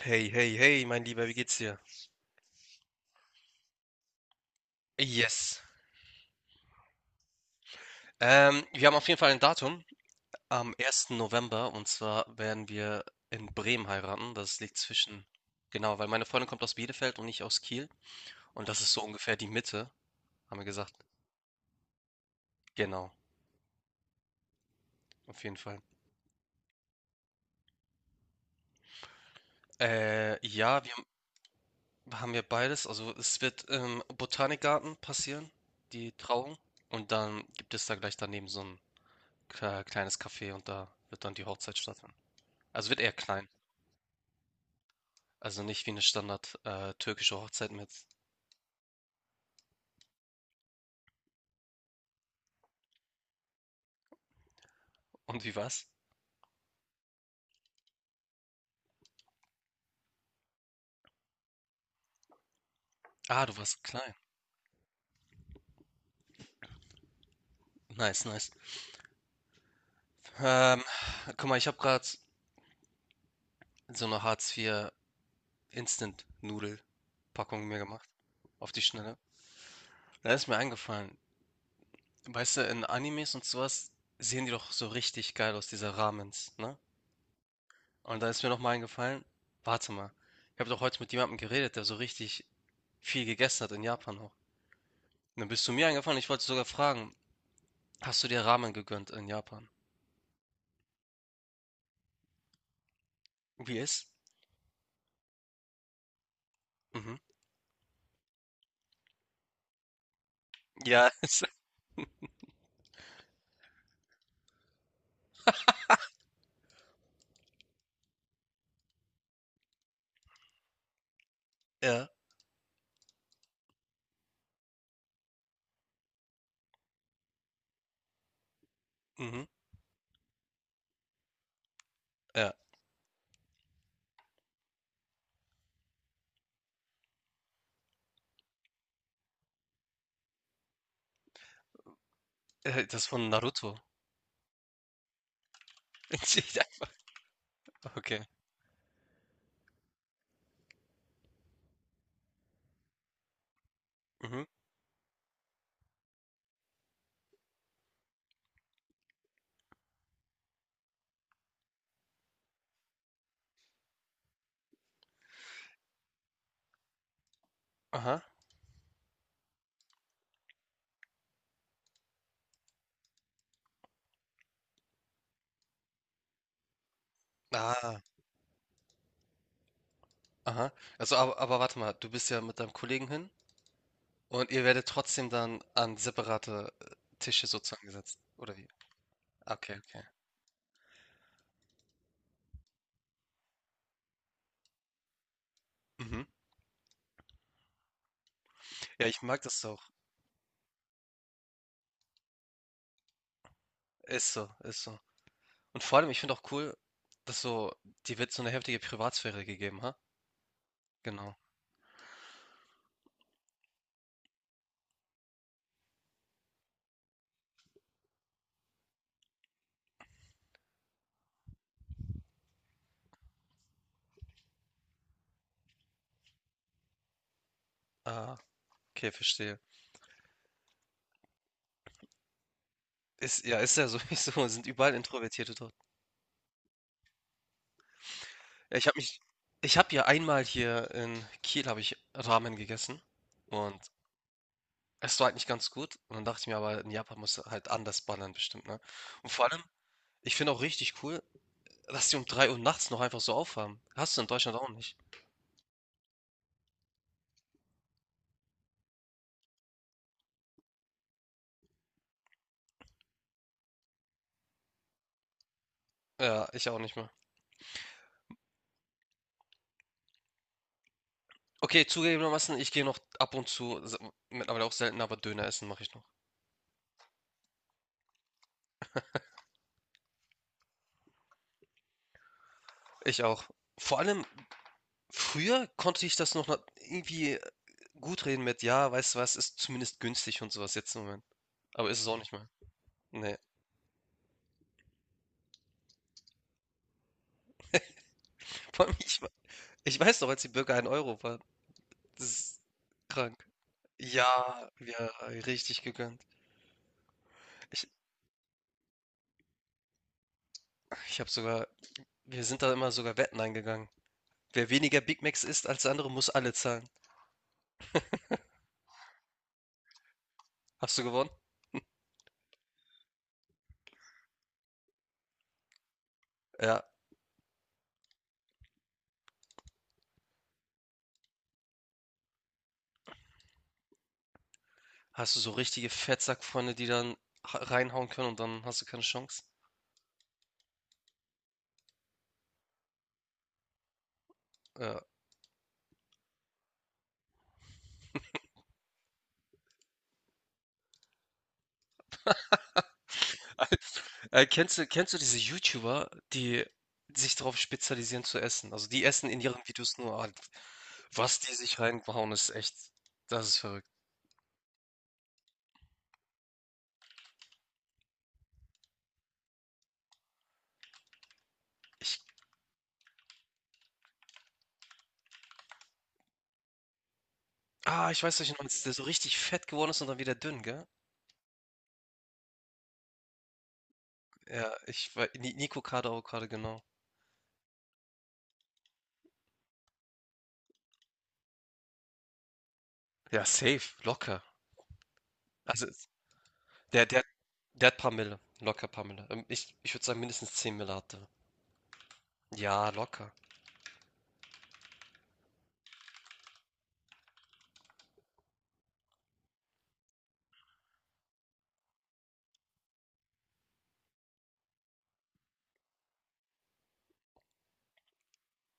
Hey, hey, hey, mein Lieber, wie geht's dir? Yes. Wir haben auf jeden Fall ein Datum am 1. November und zwar werden wir in Bremen heiraten. Das liegt zwischen, genau, weil meine Freundin kommt aus Bielefeld und ich aus Kiel und das ist so ungefähr die Mitte, haben wir gesagt. Genau, auf jeden Fall. Ja, wir haben ja beides. Also es wird im Botanikgarten passieren, die Trauung, und dann gibt es da gleich daneben so ein kleines Café, und da wird dann die Hochzeit stattfinden. Also wird eher klein. Also nicht wie eine Standard, türkische Hochzeit mit, und wie war's? Ah, du warst klein. Nice, nice. Ähm, guck mal, ich habe gerade so eine Hartz-IV Instant-Nudel-Packung mir gemacht auf die Schnelle. Da ist mir eingefallen, weißt du, in Animes und so was sehen die doch so richtig geil aus, diese Ramens, ne? Und da ist mir noch mal eingefallen, warte mal, ich habe doch heute mit jemandem geredet, der so richtig viel gegessen hat in Japan auch. Und dann bist du mir eingefallen, ich wollte sogar fragen, hast du dir Ramen gegönnt in Japan? UBS? Mhm. Ja, es ja, mhm, ja. Das von Naruto. Okay. Mhm. Aha. Ah, aha. Also, aber warte mal, du bist ja mit deinem Kollegen hin, und ihr werdet trotzdem dann an separate, Tische sozusagen gesetzt, oder wie? Ah, okay, okay. Mhm. Ja, ich mag das auch. Ist so, ist so. Und vor allem, ich finde auch cool, dass so dir wird so eine heftige Privatsphäre gegeben, ha? Genau. Ah, okay, verstehe. Ist ja sowieso sind überall Introvertierte dort. Ja, ich habe ja einmal hier in Kiel habe ich Ramen gegessen, und es war halt nicht ganz gut. Und dann dachte ich mir aber, in Japan muss halt anders ballern bestimmt, ne? Und vor allem, ich finde auch richtig cool, dass die um 3 Uhr nachts noch einfach so aufhaben. Hast du in Deutschland auch nicht. Ja, ich auch nicht mehr. Okay, zugegebenermaßen, ich gehe noch ab und zu, mittlerweile auch selten, aber Döner essen mache ich noch. Ich auch. Vor allem, früher konnte ich das noch irgendwie gut reden mit, ja, weißt du was, ist zumindest günstig und sowas jetzt im Moment. Aber ist es auch nicht mehr. Nee. Vor allem, ich weiß noch, als die Burger 1 € waren. Das ist krank. Ja, wir richtig gegönnt. Ich ich habe sogar wir sind da immer sogar Wetten eingegangen. Wer weniger Big Macs isst als der andere, muss alle zahlen. Hast du gewonnen? Ja. Hast du so richtige Fettsackfreunde, die dann ha reinhauen können, und dann hast du keine Chance? Ja. Kennst du diese YouTuber, die sich darauf spezialisieren zu essen? Also, die essen in ihren Videos nur halt was die sich reinhauen, ist echt das ist verrückt. Ich Ah, ich weiß, welchen du meinst, der so richtig fett geworden ist und dann wieder dünn, gell? Ja, ich wei Ni Nico Kader Avocado, genau. Ja, safe, locker. Also, der, der, der hat paar Mille, locker paar Mille. Ich würde sagen, mindestens 10 Mille hat er. Ja, locker.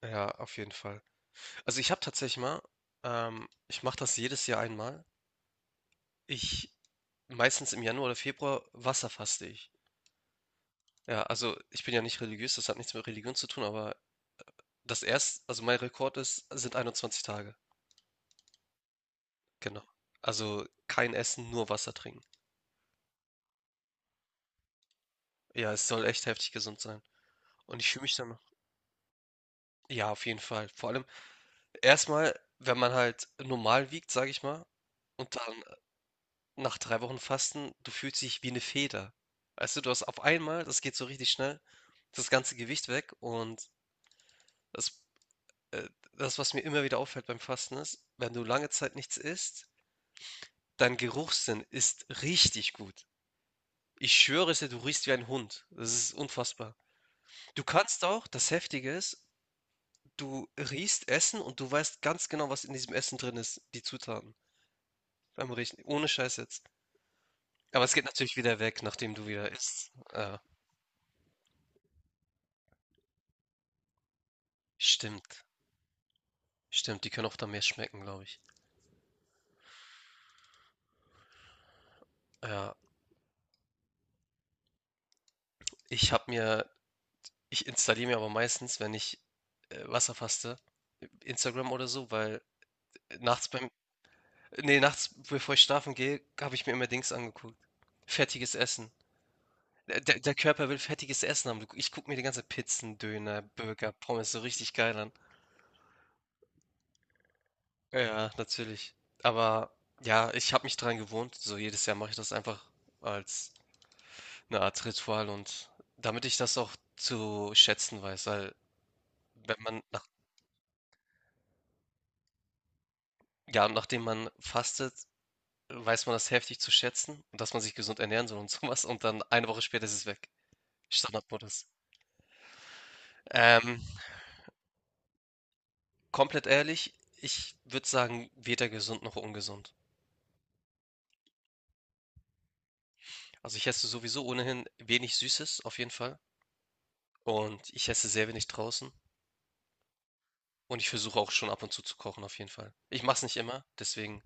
Ja, auf jeden Fall. Also ich habe tatsächlich mal, ich mache das jedes Jahr einmal. Ich, meistens im Januar oder Februar, wasserfaste ich. Ja, also ich bin ja nicht religiös, das hat nichts mit Religion zu tun, aber also mein Rekord ist, sind 21 Tage. Genau. Also, kein Essen, nur Wasser trinken. Ja, es soll echt heftig gesund sein. Und ich fühle mich dann, ja, auf jeden Fall. Vor allem erstmal, wenn man halt normal wiegt, sage ich mal, und dann nach 3 Wochen Fasten, du fühlst dich wie eine Feder. Weißt du, du hast auf einmal, das geht so richtig schnell, das ganze Gewicht weg, und das äh, das, was mir immer wieder auffällt beim Fasten ist, wenn du lange Zeit nichts isst, dein Geruchssinn ist richtig gut. Ich schwöre es dir, du riechst wie ein Hund. Das ist unfassbar. Du kannst auch, das Heftige ist, du riechst Essen und du weißt ganz genau, was in diesem Essen drin ist, die Zutaten beim Riechen, ohne Scheiß jetzt. Aber es geht natürlich wieder weg, nachdem du wieder isst. Ja, stimmt. Stimmt, die können auch dann mehr schmecken, glaube ich. Ja, ich habe mir, ich installiere mir aber meistens, wenn ich Wasserfaste, Instagram oder so, weil nachts beim, nee, nachts bevor ich schlafen gehe, habe ich mir immer Dings angeguckt. Fertiges Essen. Der Körper will fettiges Essen haben. Ich gucke mir die ganze Pizzen, Döner, Burger, Pommes so richtig geil an. Ja, natürlich. Aber ja, ich habe mich dran gewohnt. So jedes Jahr mache ich das einfach als eine Art Ritual, und damit ich das auch zu schätzen weiß, weil wenn man nach, ja, nachdem man fastet, weiß man das heftig zu schätzen und dass man sich gesund ernähren soll und sowas, und dann eine Woche später ist es weg. Standardmodus. Ähm, komplett ehrlich, ich würde sagen, weder gesund noch ungesund. Also, ich esse sowieso ohnehin wenig Süßes auf jeden Fall, und ich esse sehr wenig draußen, und ich versuche auch schon ab und zu kochen auf jeden Fall. Ich mache es nicht immer, deswegen.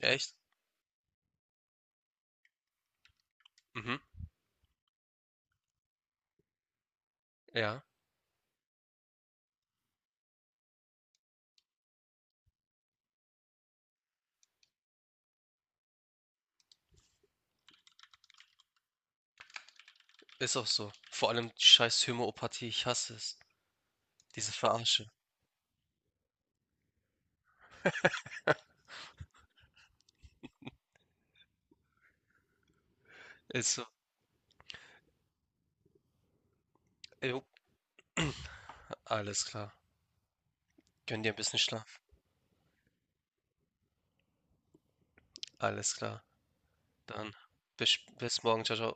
Echt? Mhm. Ja, ist auch so. Vor allem die scheiß Homöopathie, ich hasse es. Diese Verarsche. Ist so. Jo. Alles klar. Gönn dir ein bisschen Schlaf. Alles klar. Dann bis morgen. Ciao, ciao.